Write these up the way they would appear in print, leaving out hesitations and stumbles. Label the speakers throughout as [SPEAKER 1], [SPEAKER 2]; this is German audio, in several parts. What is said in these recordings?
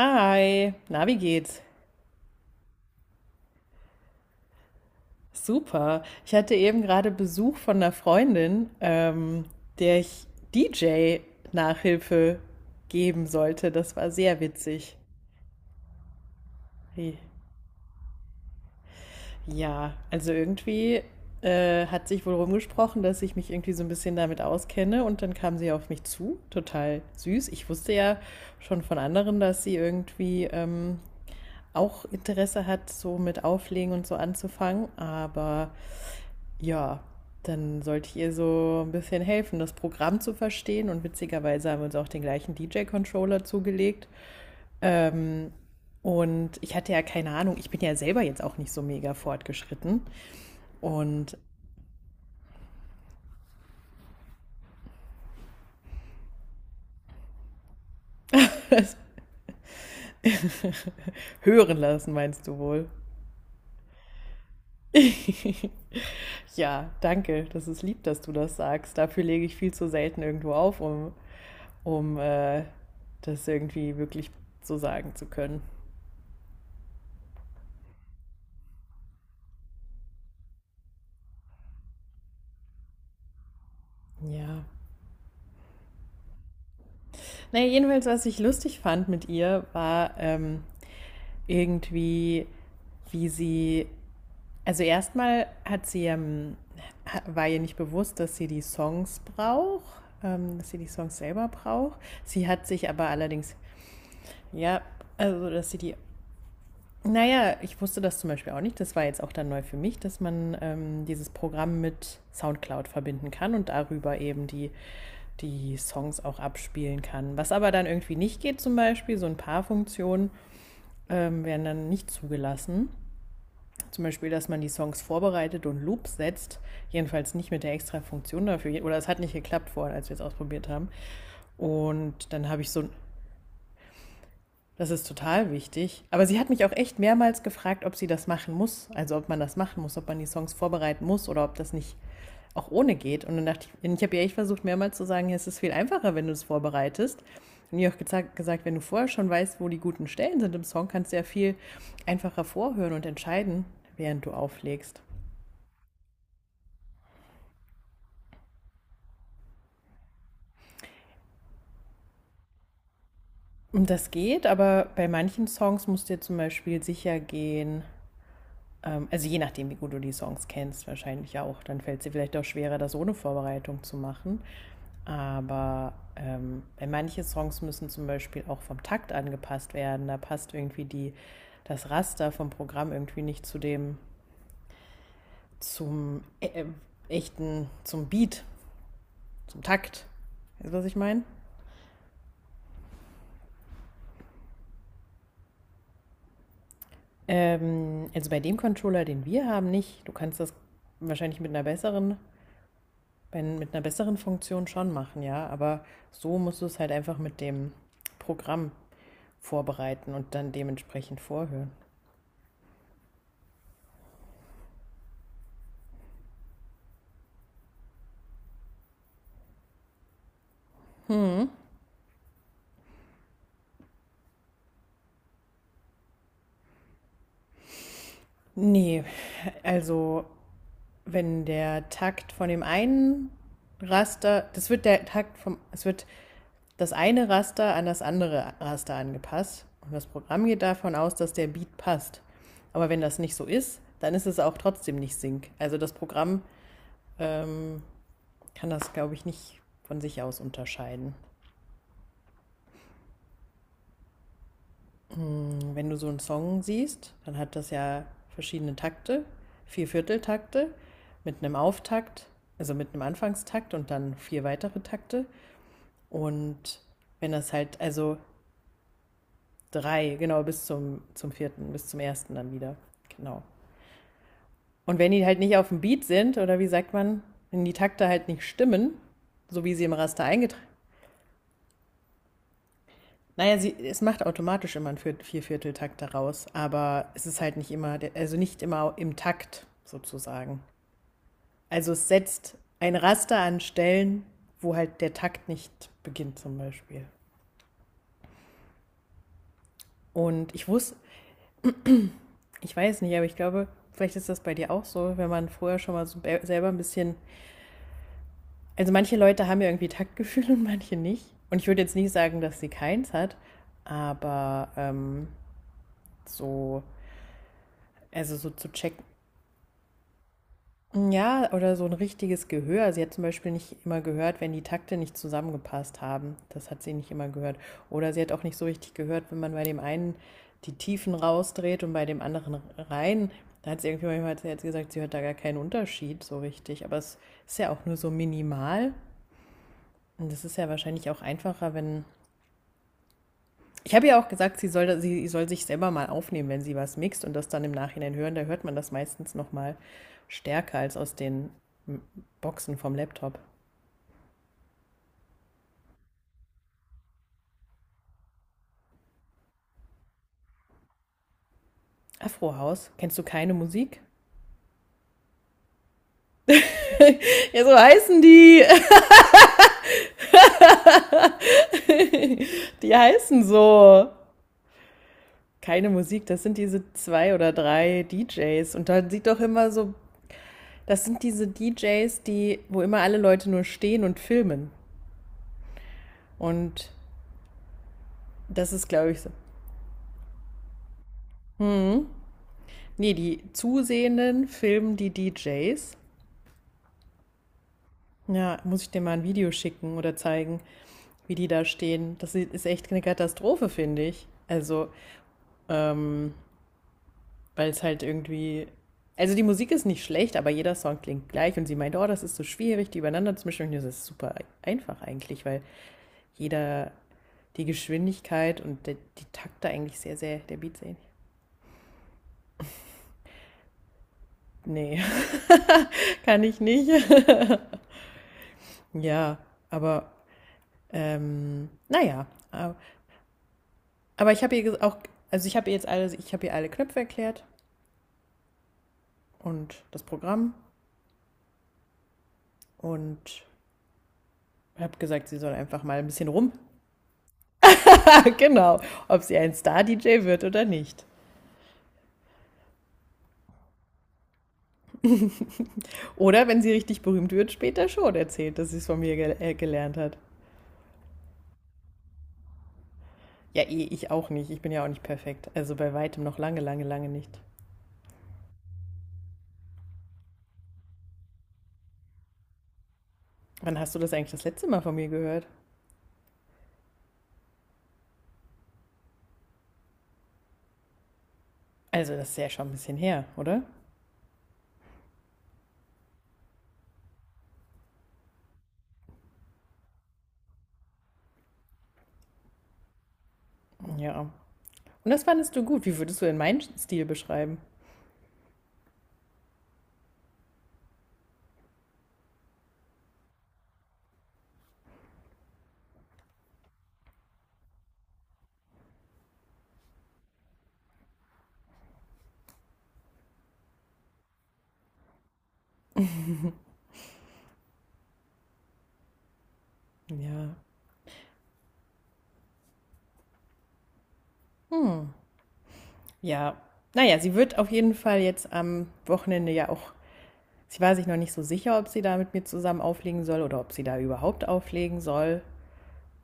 [SPEAKER 1] Hi, na, wie geht's? Super. Ich hatte eben gerade Besuch von einer Freundin, der ich DJ-Nachhilfe geben sollte. Das war sehr witzig. Hey. Ja, also irgendwie hat sich wohl rumgesprochen, dass ich mich irgendwie so ein bisschen damit auskenne und dann kam sie auf mich zu. Total süß. Ich wusste ja schon von anderen, dass sie irgendwie auch Interesse hat, so mit Auflegen und so anzufangen, aber. Ja, dann sollte ich ihr so ein bisschen helfen, das Programm zu verstehen. Und witzigerweise haben wir uns auch den gleichen DJ-Controller zugelegt. Und ich hatte ja keine Ahnung, ich bin ja selber jetzt auch nicht so mega fortgeschritten. Und hören lassen, meinst du wohl? Ja, danke. Das ist lieb, dass du das sagst. Dafür lege ich viel zu selten irgendwo auf, um das irgendwie wirklich so sagen zu können. Ja. Naja, jedenfalls, was ich lustig fand mit ihr, war, irgendwie, wie sie, also erstmal hat sie, war ihr nicht bewusst, dass sie die Songs braucht, dass sie die Songs selber braucht. Sie hat sich aber allerdings, ja, also dass sie die, naja, ich wusste das zum Beispiel auch nicht, das war jetzt auch dann neu für mich, dass man dieses Programm mit SoundCloud verbinden kann und darüber eben die Songs auch abspielen kann. Was aber dann irgendwie nicht geht, zum Beispiel, so ein paar Funktionen werden dann nicht zugelassen. Zum Beispiel, dass man die Songs vorbereitet und Loops setzt. Jedenfalls nicht mit der extra Funktion dafür. Oder es hat nicht geklappt vorher, als wir es ausprobiert haben. Und dann habe ich so. Das ist total wichtig. Aber sie hat mich auch echt mehrmals gefragt, ob sie das machen muss. Also ob man das machen muss, ob man die Songs vorbereiten muss oder ob das nicht auch ohne geht. Und dann dachte ich, ich habe ja echt versucht, mehrmals zu sagen, es ist viel einfacher, wenn du es vorbereitest. Und ihr auch gesagt, wenn du vorher schon weißt, wo die guten Stellen sind im Song, kannst du ja viel einfacher vorhören und entscheiden, während du auflegst. Und das geht, aber bei manchen Songs musst du dir zum Beispiel sicher gehen, also je nachdem, wie gut du die Songs kennst, wahrscheinlich auch, dann fällt es dir vielleicht auch schwerer, das ohne Vorbereitung zu machen. Aber bei manche Songs müssen zum Beispiel auch vom Takt angepasst werden. Da passt irgendwie das Raster vom Programm irgendwie nicht zu dem, zum echten, zum Beat, zum Takt. Weißt du, was ich meine? Also bei dem Controller, den wir haben, nicht. Du kannst das wahrscheinlich mit einer besseren, mit einer besseren Funktion schon machen, ja. Aber so musst du es halt einfach mit dem Programm vorbereiten und dann dementsprechend vorhören. Nee, also wenn der Takt von dem einen Raster, das wird der Takt vom, es wird das eine Raster an das andere Raster angepasst. Und das Programm geht davon aus, dass der Beat passt. Aber wenn das nicht so ist, dann ist es auch trotzdem nicht Sync. Also das Programm ähm, kann das, glaube ich, nicht von sich aus unterscheiden. Wenn du so einen Song siehst, dann hat das ja verschiedene Takte, vier Vierteltakte mit einem Auftakt, also mit einem Anfangstakt und dann vier weitere Takte. Und wenn das halt, also drei, genau, bis zum vierten, bis zum ersten dann wieder. Genau. Und wenn die halt nicht auf dem Beat sind, oder wie sagt man, wenn die Takte halt nicht stimmen, so wie sie im Raster eingetragen sind, naja, es macht automatisch immer einen Viervierteltakt daraus, aber es ist halt nicht immer, also nicht immer im Takt sozusagen. Also es setzt ein Raster an Stellen, wo halt der Takt nicht beginnt zum Beispiel. Und ich wusste, ich weiß nicht, aber ich glaube, vielleicht ist das bei dir auch so, wenn man vorher schon mal so selber ein bisschen. Also manche Leute haben ja irgendwie Taktgefühl und manche nicht. Und ich würde jetzt nicht sagen, dass sie keins hat, aber so, also so zu checken. Ja, oder so ein richtiges Gehör. Sie hat zum Beispiel nicht immer gehört, wenn die Takte nicht zusammengepasst haben. Das hat sie nicht immer gehört. Oder sie hat auch nicht so richtig gehört, wenn man bei dem einen die Tiefen rausdreht und bei dem anderen rein. Da hat sie irgendwie manchmal, hat sie jetzt gesagt, sie hört da gar keinen Unterschied so richtig. Aber es ist ja auch nur so minimal. Und das ist ja wahrscheinlich auch einfacher, wenn. Ich habe ja auch gesagt, sie soll sich selber mal aufnehmen, wenn sie was mixt und das dann im Nachhinein hören. Da hört man das meistens noch mal stärker als aus den Boxen vom Laptop. Afrohaus, kennst du keine Musik? Ja, so heißen die. Die heißen so. Keine Musik, das sind diese zwei oder drei DJs. Und da sieht doch immer so, das sind diese DJs, die, wo immer alle Leute nur stehen und filmen. Und das ist, glaube ich, so. Nee, die Zusehenden filmen die DJs. Ja, muss ich dir mal ein Video schicken oder zeigen, wie die da stehen. Das ist echt eine Katastrophe, finde ich. Also, ähm, weil es halt irgendwie. Also die Musik ist nicht schlecht, aber jeder Song klingt gleich und sie meint, oh, das ist so schwierig, die übereinander zu mischen. Und das ist super einfach eigentlich, weil jeder die Geschwindigkeit und die Takte eigentlich sehr, sehr der Beat sehen. Nee, kann ich nicht. Ja, aber naja, äh, aber ich habe ihr auch, also ich habe ihr alle Knöpfe erklärt und das Programm und habe gesagt, sie soll einfach mal ein bisschen rum. Genau, ob sie ein Star-DJ wird oder nicht. Oder wenn sie richtig berühmt wird, später schon erzählt, dass sie es von mir gelernt hat. Ja, eh, ich auch nicht. Ich bin ja auch nicht perfekt. Also bei weitem noch lange, lange, lange nicht. Wann hast du das eigentlich das letzte Mal von mir gehört? Also das ist ja schon ein bisschen her, oder? Ja. Und das fandest du gut. Wie würdest du denn meinen Stil beschreiben? Ja, ja, naja, sie wird auf jeden Fall jetzt am Wochenende ja auch, sie war sich noch nicht so sicher, ob sie da mit mir zusammen auflegen soll oder ob sie da überhaupt auflegen soll.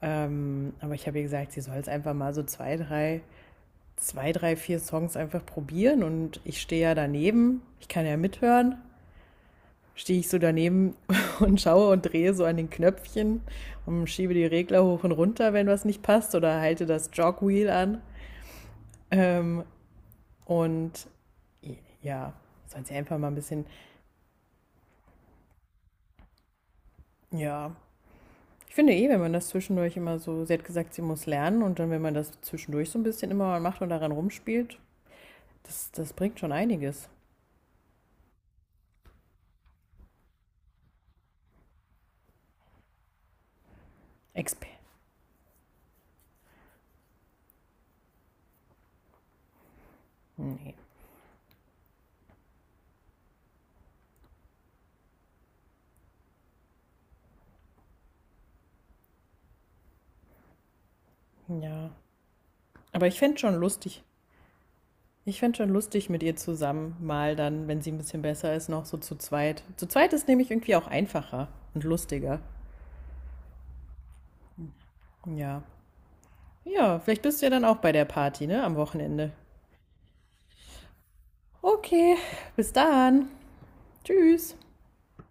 [SPEAKER 1] Aber ich habe ihr gesagt, sie soll es einfach mal so zwei, drei, zwei, drei, vier Songs einfach probieren und ich stehe ja daneben, ich kann ja mithören. Stehe ich so daneben und schaue und drehe so an den Knöpfchen und schiebe die Regler hoch und runter, wenn was nicht passt, oder halte das Jogwheel an. Ähm, Und ja, soll sie einfach mal ein bisschen, ja. Ich finde eh, wenn man das zwischendurch immer so, sie hat gesagt, sie muss lernen und dann, wenn man das zwischendurch so ein bisschen immer mal macht und daran rumspielt, das bringt schon einiges. Exper. Nee. Ja. Aber ich fände es schon lustig. Ich fände es schon lustig mit ihr zusammen, mal dann, wenn sie ein bisschen besser ist, noch so zu zweit. Zu zweit ist nämlich irgendwie auch einfacher und lustiger. Ja. Ja, vielleicht bist du ja dann auch bei der Party, ne? Am Wochenende. Okay, bis dann. Tschüss.